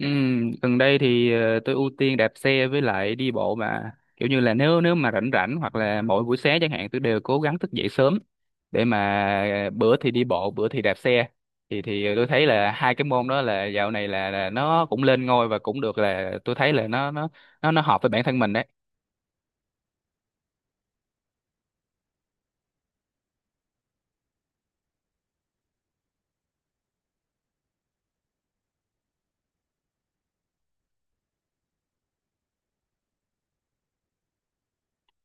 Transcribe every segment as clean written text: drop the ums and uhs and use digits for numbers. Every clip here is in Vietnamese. Gần đây thì tôi ưu tiên đạp xe với lại đi bộ, mà kiểu như là nếu nếu mà rảnh rảnh hoặc là mỗi buổi sáng chẳng hạn, tôi đều cố gắng thức dậy sớm để mà bữa thì đi bộ, bữa thì đạp xe. Thì tôi thấy là hai cái môn đó là dạo này là nó cũng lên ngôi, và cũng được, là tôi thấy là nó hợp với bản thân mình đấy.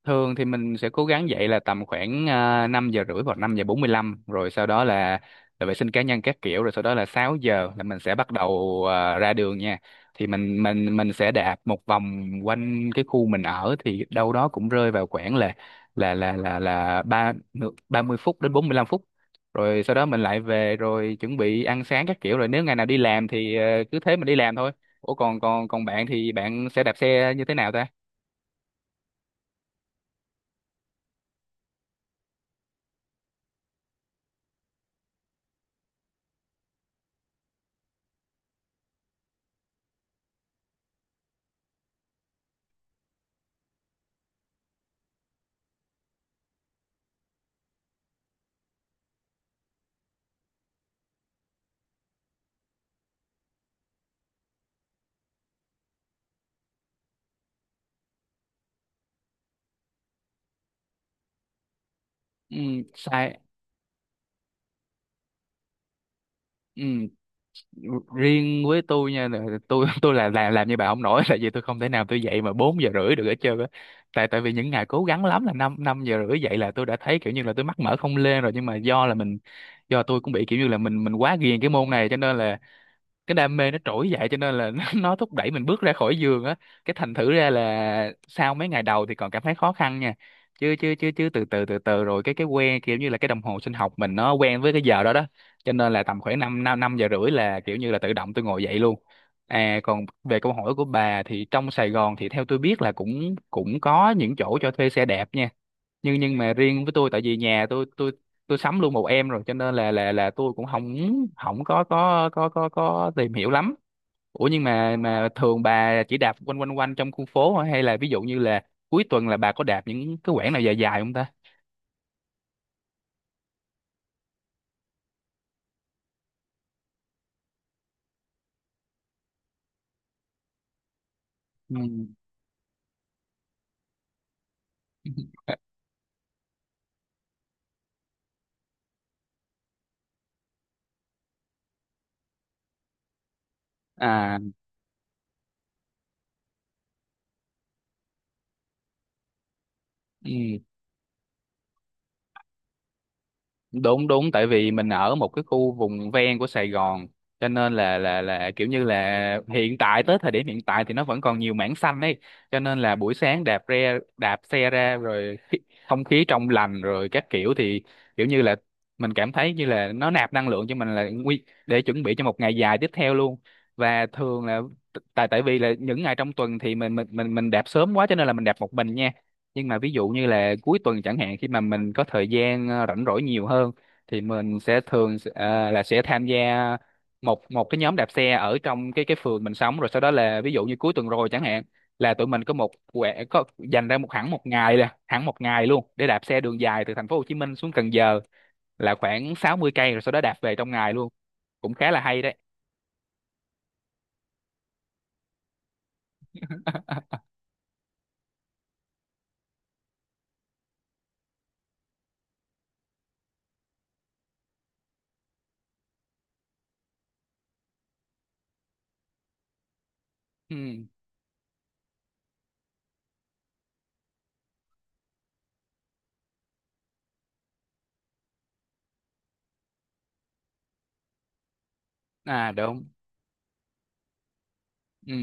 Thường thì mình sẽ cố gắng dậy là tầm khoảng 5 giờ rưỡi hoặc 5 giờ 45, rồi sau đó là vệ sinh cá nhân các kiểu, rồi sau đó là 6 giờ là mình sẽ bắt đầu, ra đường nha. Thì mình sẽ đạp một vòng quanh cái khu mình ở, thì đâu đó cũng rơi vào khoảng là ba 30 phút đến 45 phút. Rồi sau đó mình lại về rồi chuẩn bị ăn sáng các kiểu, rồi nếu ngày nào đi làm thì cứ thế mình đi làm thôi. Ủa, còn còn còn bạn thì bạn sẽ đạp xe như thế nào ta? Ừ, sai. Ừ. Riêng với tôi nha, là tôi tôi là làm như bà không nổi, tại vì tôi không thể nào tôi dậy mà 4 giờ rưỡi được hết trơn á. Tại tại vì những ngày cố gắng lắm là 5 năm giờ rưỡi dậy là tôi đã thấy kiểu như là tôi mắt mở không lên rồi. Nhưng mà do là mình do tôi cũng bị kiểu như là mình quá ghiền cái môn này, cho nên là cái đam mê nó trỗi dậy, cho nên là nó thúc đẩy mình bước ra khỏi giường á. Cái thành thử ra là sau mấy ngày đầu thì còn cảm thấy khó khăn nha, chứ chứ chứ chứ từ từ rồi cái quen kiểu như là cái đồng hồ sinh học mình nó quen với cái giờ đó đó cho nên là tầm khoảng năm năm năm giờ rưỡi là kiểu như là tự động tôi ngồi dậy luôn. À, còn về câu hỏi của bà thì trong Sài Gòn thì theo tôi biết là cũng cũng có những chỗ cho thuê xe đạp nha. Nhưng mà riêng với tôi, tại vì nhà tôi sắm luôn một em rồi, cho nên là là tôi cũng không không có tìm hiểu lắm. Ủa, nhưng mà thường bà chỉ đạp quanh quanh quanh trong khu phố hả? Hay là ví dụ như là cuối tuần là bà có đạp những cái quãng nào dài dài không ta? Ừ. À. Ừ. Đúng đúng, tại vì mình ở một cái khu vùng ven của Sài Gòn, cho nên là là kiểu như là hiện tại, tới thời điểm hiện tại thì nó vẫn còn nhiều mảng xanh ấy. Cho nên là buổi sáng đạp đạp xe ra rồi không khí trong lành rồi các kiểu, thì kiểu như là mình cảm thấy như là nó nạp năng lượng cho mình là nguy để chuẩn bị cho một ngày dài tiếp theo luôn. Và thường là t- tại tại vì là những ngày trong tuần thì mình mình đạp sớm quá, cho nên là mình đạp một mình nha. Nhưng mà ví dụ như là cuối tuần chẳng hạn, khi mà mình có thời gian rảnh rỗi nhiều hơn, thì mình sẽ thường là sẽ tham gia một một cái nhóm đạp xe ở trong cái phường mình sống. Rồi sau đó là ví dụ như cuối tuần rồi chẳng hạn, là tụi mình có một quẻ có dành ra một, hẳn một ngày nè, hẳn một ngày luôn để đạp xe đường dài từ thành phố Hồ Chí Minh xuống Cần Giờ, là khoảng 60 cây, rồi sau đó đạp về trong ngày luôn. Cũng khá là hay đấy. Ừ. À, đúng. Ừ.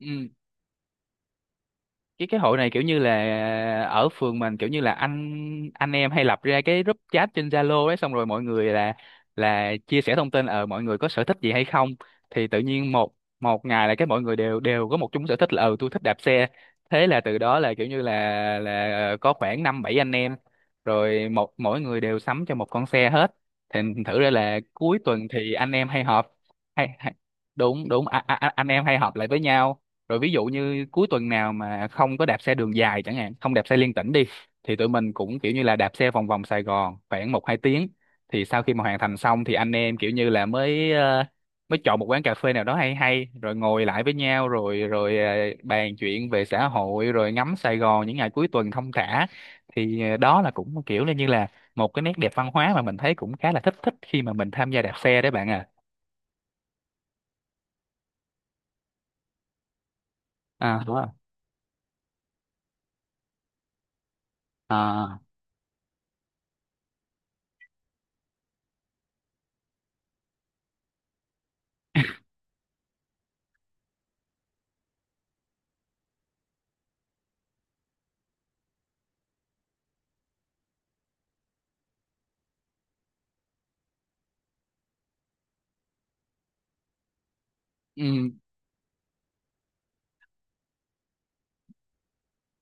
Ừ. Cái hội này kiểu như là ở phường mình, kiểu như là anh em hay lập ra cái group chat trên Zalo ấy, xong rồi mọi người là chia sẻ thông tin, ờ, mọi người có sở thích gì hay không. Thì tự nhiên một một ngày là cái mọi người đều đều có một chung sở thích là, ừ, tôi thích đạp xe. Thế là từ đó là kiểu như là ờ, có khoảng năm bảy anh em, rồi mỗi người đều sắm cho một con xe hết. Thì thử ra là cuối tuần thì anh em hay họp. Hay, hay. Đúng đúng, anh em hay họp lại với nhau, rồi ví dụ như cuối tuần nào mà không có đạp xe đường dài chẳng hạn, không đạp xe liên tỉnh đi, thì tụi mình cũng kiểu như là đạp xe vòng vòng Sài Gòn khoảng một hai tiếng. Thì sau khi mà hoàn thành xong thì anh em kiểu như là mới, mới chọn một quán cà phê nào đó hay hay, rồi ngồi lại với nhau, rồi rồi bàn chuyện về xã hội, rồi ngắm Sài Gòn những ngày cuối tuần thong thả. Thì đó là cũng kiểu là như là một cái nét đẹp văn hóa mà mình thấy cũng khá là thích thích khi mà mình tham gia đạp xe đấy, bạn à. À, đúng rồi. À. Ừ,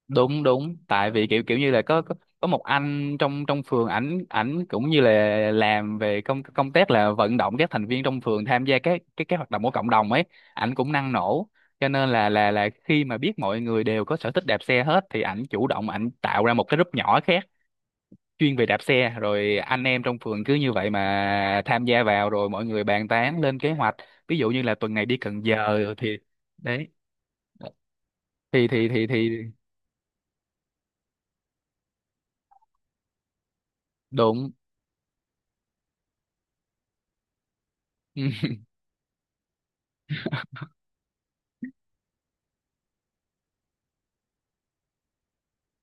đúng đúng, tại vì kiểu kiểu như là có một anh trong trong phường, ảnh ảnh cũng như là làm về công công tác là vận động các thành viên trong phường tham gia các cái hoạt động của cộng đồng ấy. Ảnh cũng năng nổ, cho nên là là khi mà biết mọi người đều có sở thích đạp xe hết, thì ảnh chủ động ảnh tạo ra một cái group nhỏ khác chuyên về đạp xe, rồi anh em trong phường cứ như vậy mà tham gia vào, rồi mọi người bàn tán lên kế hoạch, ví dụ như là tuần này đi Cần Giờ thì. Đấy. Thì đúng. Ừ,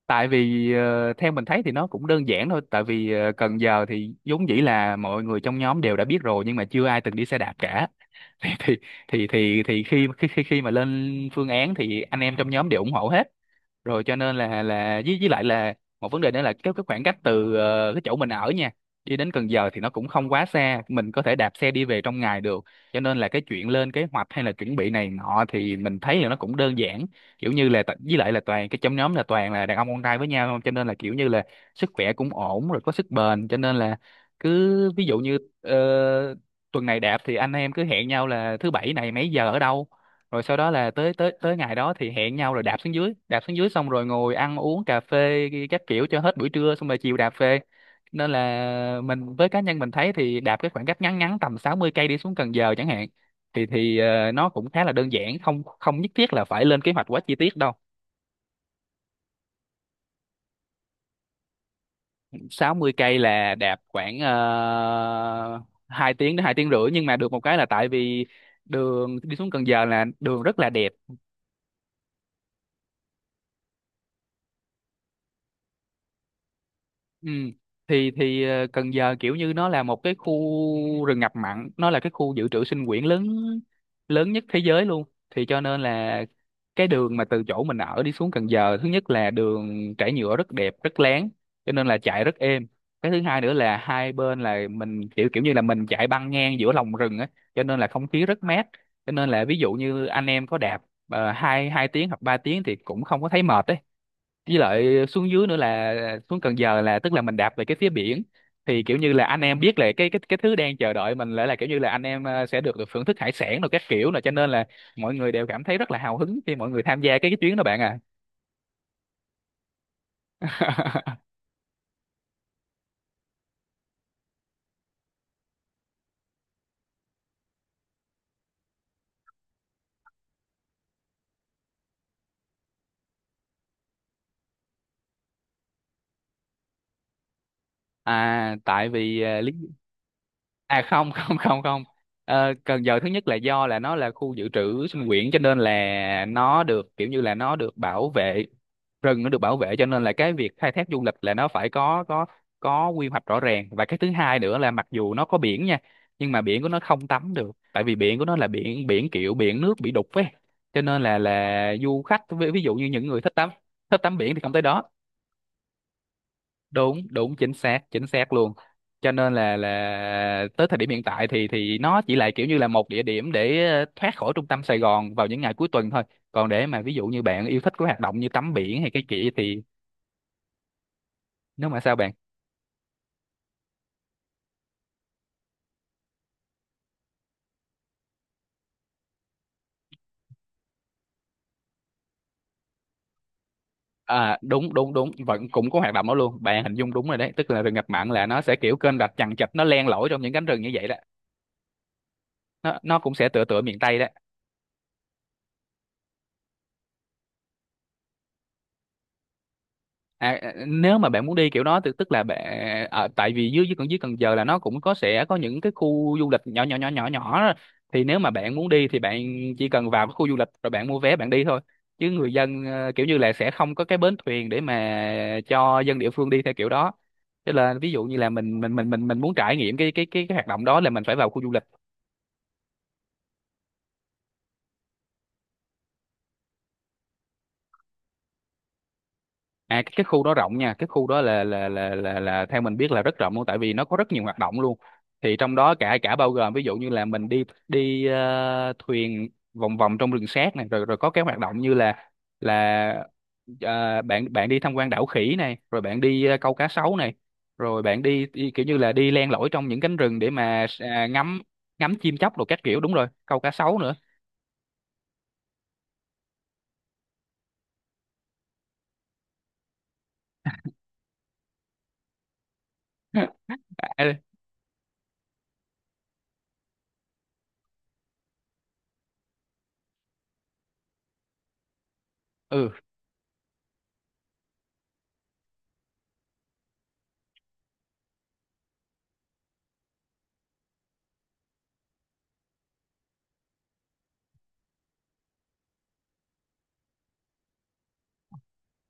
tại vì theo mình thấy thì nó cũng đơn giản thôi, tại vì Cần Giờ thì vốn dĩ là mọi người trong nhóm đều đã biết rồi, nhưng mà chưa ai từng đi xe đạp cả. thì thì thì khi, khi khi khi mà lên phương án thì anh em trong nhóm đều ủng hộ hết rồi, cho nên là với lại là một vấn đề nữa là cái khoảng cách từ cái chỗ mình ở nha, đi đến Cần Giờ thì nó cũng không quá xa, mình có thể đạp xe đi về trong ngày được. Cho nên là cái chuyện lên kế hoạch hay là chuẩn bị này nọ thì mình thấy là nó cũng đơn giản, kiểu như là với lại là toàn cái trong nhóm là toàn là đàn ông con trai với nhau, cho nên là kiểu như là sức khỏe cũng ổn rồi, có sức bền, cho nên là cứ ví dụ như tuần này đạp thì anh em cứ hẹn nhau là thứ bảy này mấy giờ ở đâu, rồi sau đó là tới tới tới ngày đó thì hẹn nhau rồi đạp xuống dưới, xong rồi ngồi ăn uống cà phê các kiểu cho hết buổi trưa, xong rồi chiều đạp về. Nên là mình, với cá nhân mình thấy thì đạp cái khoảng cách ngắn ngắn tầm 60 cây đi xuống Cần Giờ chẳng hạn, thì ờ, nó cũng khá là đơn giản, không không nhất thiết là phải lên kế hoạch quá chi tiết đâu. 60 cây là đạp khoảng 2 tiếng đến 2 tiếng rưỡi, nhưng mà được một cái là tại vì đường đi xuống Cần Giờ là đường rất là đẹp. Ừ. Thì ờ, Cần Giờ kiểu như nó là một cái khu rừng ngập mặn, nó là cái khu dự trữ sinh quyển lớn, lớn nhất thế giới luôn. Thì cho nên là cái đường mà từ chỗ mình ở đi xuống Cần Giờ, thứ nhất là đường trải nhựa rất đẹp, rất láng, cho nên là chạy rất êm. Cái thứ hai nữa là hai bên là mình kiểu, kiểu như là mình chạy băng ngang giữa lòng rừng á, cho nên là không khí rất mát. Cho nên là ví dụ như anh em có đạp hai hai tiếng hoặc 3 tiếng thì cũng không có thấy mệt ấy, với lại xuống dưới nữa là xuống Cần Giờ là tức là mình đạp về cái phía biển thì kiểu như là anh em biết là cái thứ đang chờ đợi mình là kiểu như là anh em sẽ được được thưởng thức hải sản rồi các kiểu, là cho nên là mọi người đều cảm thấy rất là hào hứng khi mọi người tham gia cái chuyến đó bạn à. à tại vì à, lý À không. Không, không, không. Ờ, Cần Giờ thứ nhất là do là nó là khu dự trữ sinh quyển cho nên là nó được kiểu như là nó được bảo vệ, rừng nó được bảo vệ, cho nên là cái việc khai thác du lịch là nó phải có quy hoạch rõ ràng. Và cái thứ hai nữa là mặc dù nó có biển nha, nhưng mà biển của nó không tắm được, tại vì biển của nó là biển biển kiểu biển nước bị đục ấy, cho nên là du khách ví dụ như những người thích tắm, thích tắm biển thì không tới đó. Đúng, đúng, chính xác, chính xác luôn. Cho nên là tới thời điểm hiện tại thì nó chỉ là kiểu như là một địa điểm để thoát khỏi trung tâm Sài Gòn vào những ngày cuối tuần thôi. Còn để mà ví dụ như bạn yêu thích cái hoạt động như tắm biển hay cái kia thì, nếu mà sao bạn? À đúng, đúng, đúng, vẫn cũng có hoạt động đó luôn, bạn hình dung đúng rồi đấy, tức là rừng ngập mặn là nó sẽ kiểu kênh rạch chằng chịt, nó len lỏi trong những cánh rừng như vậy đó. Nó cũng sẽ tựa tựa miền Tây đó. À, à, nếu mà bạn muốn đi kiểu đó thì tức là bạn ở tại vì dưới, dưới Cần Giờ là nó cũng có, sẽ có những cái khu du lịch nhỏ nhỏ nhỏ nhỏ nhỏ đó. Thì nếu mà bạn muốn đi thì bạn chỉ cần vào cái khu du lịch rồi bạn mua vé bạn đi thôi, chứ người dân kiểu như là sẽ không có cái bến thuyền để mà cho dân địa phương đi theo kiểu đó. Cho là ví dụ như là mình muốn trải nghiệm hoạt động đó là mình phải vào khu du lịch. À cái khu đó rộng nha, cái khu đó là theo mình biết là rất rộng luôn, tại vì nó có rất nhiều hoạt động luôn. Thì trong đó cả cả bao gồm ví dụ như là mình đi đi thuyền vòng vòng trong rừng Sác này, rồi rồi có cái hoạt động như là là bạn bạn đi tham quan đảo khỉ này, rồi bạn đi câu cá sấu này, rồi bạn đi, đi kiểu như là đi len lỏi trong những cánh rừng để mà ngắm, ngắm chim chóc đồ các kiểu, đúng rồi, câu cá sấu nữa. À, ừ.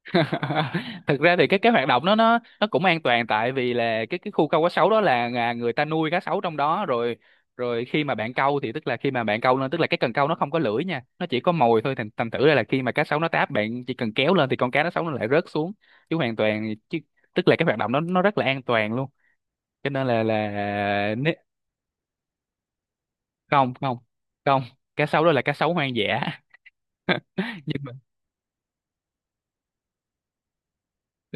Thực ra thì cái hoạt động đó nó cũng an toàn, tại vì là cái khu câu cá sấu đó là người ta nuôi cá sấu trong đó rồi, khi mà bạn câu thì tức là khi mà bạn câu lên, tức là cái cần câu nó không có lưỡi nha, nó chỉ có mồi thôi, thành thành thử ra là khi mà cá sấu nó táp, bạn chỉ cần kéo lên thì con cá nó sấu nó lại rớt xuống, chứ hoàn toàn, chứ tức là cái hoạt động đó nó rất là an toàn luôn. Cho nên là nế- không, không, không, cá sấu đó là cá sấu hoang dã. Nhưng mà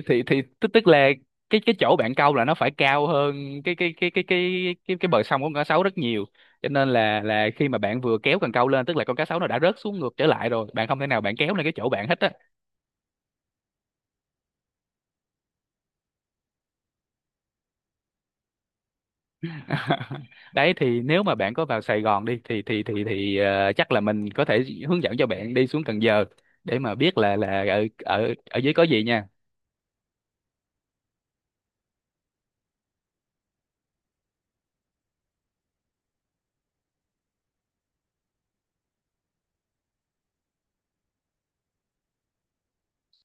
thì tức tức là cái chỗ bạn câu là nó phải cao hơn cái bờ sông của con cá sấu rất nhiều, cho nên là khi mà bạn vừa kéo cần câu lên, tức là con cá sấu nó đã rớt xuống ngược trở lại rồi, bạn không thể nào bạn kéo lên cái chỗ bạn hết á. Đấy, thì nếu mà bạn có vào Sài Gòn đi thì chắc là mình có thể hướng dẫn cho bạn đi xuống Cần Giờ để mà biết là ở ở ở dưới có gì nha.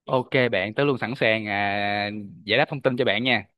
Ok bạn, tớ luôn sẵn sàng giải đáp thông tin cho bạn nha.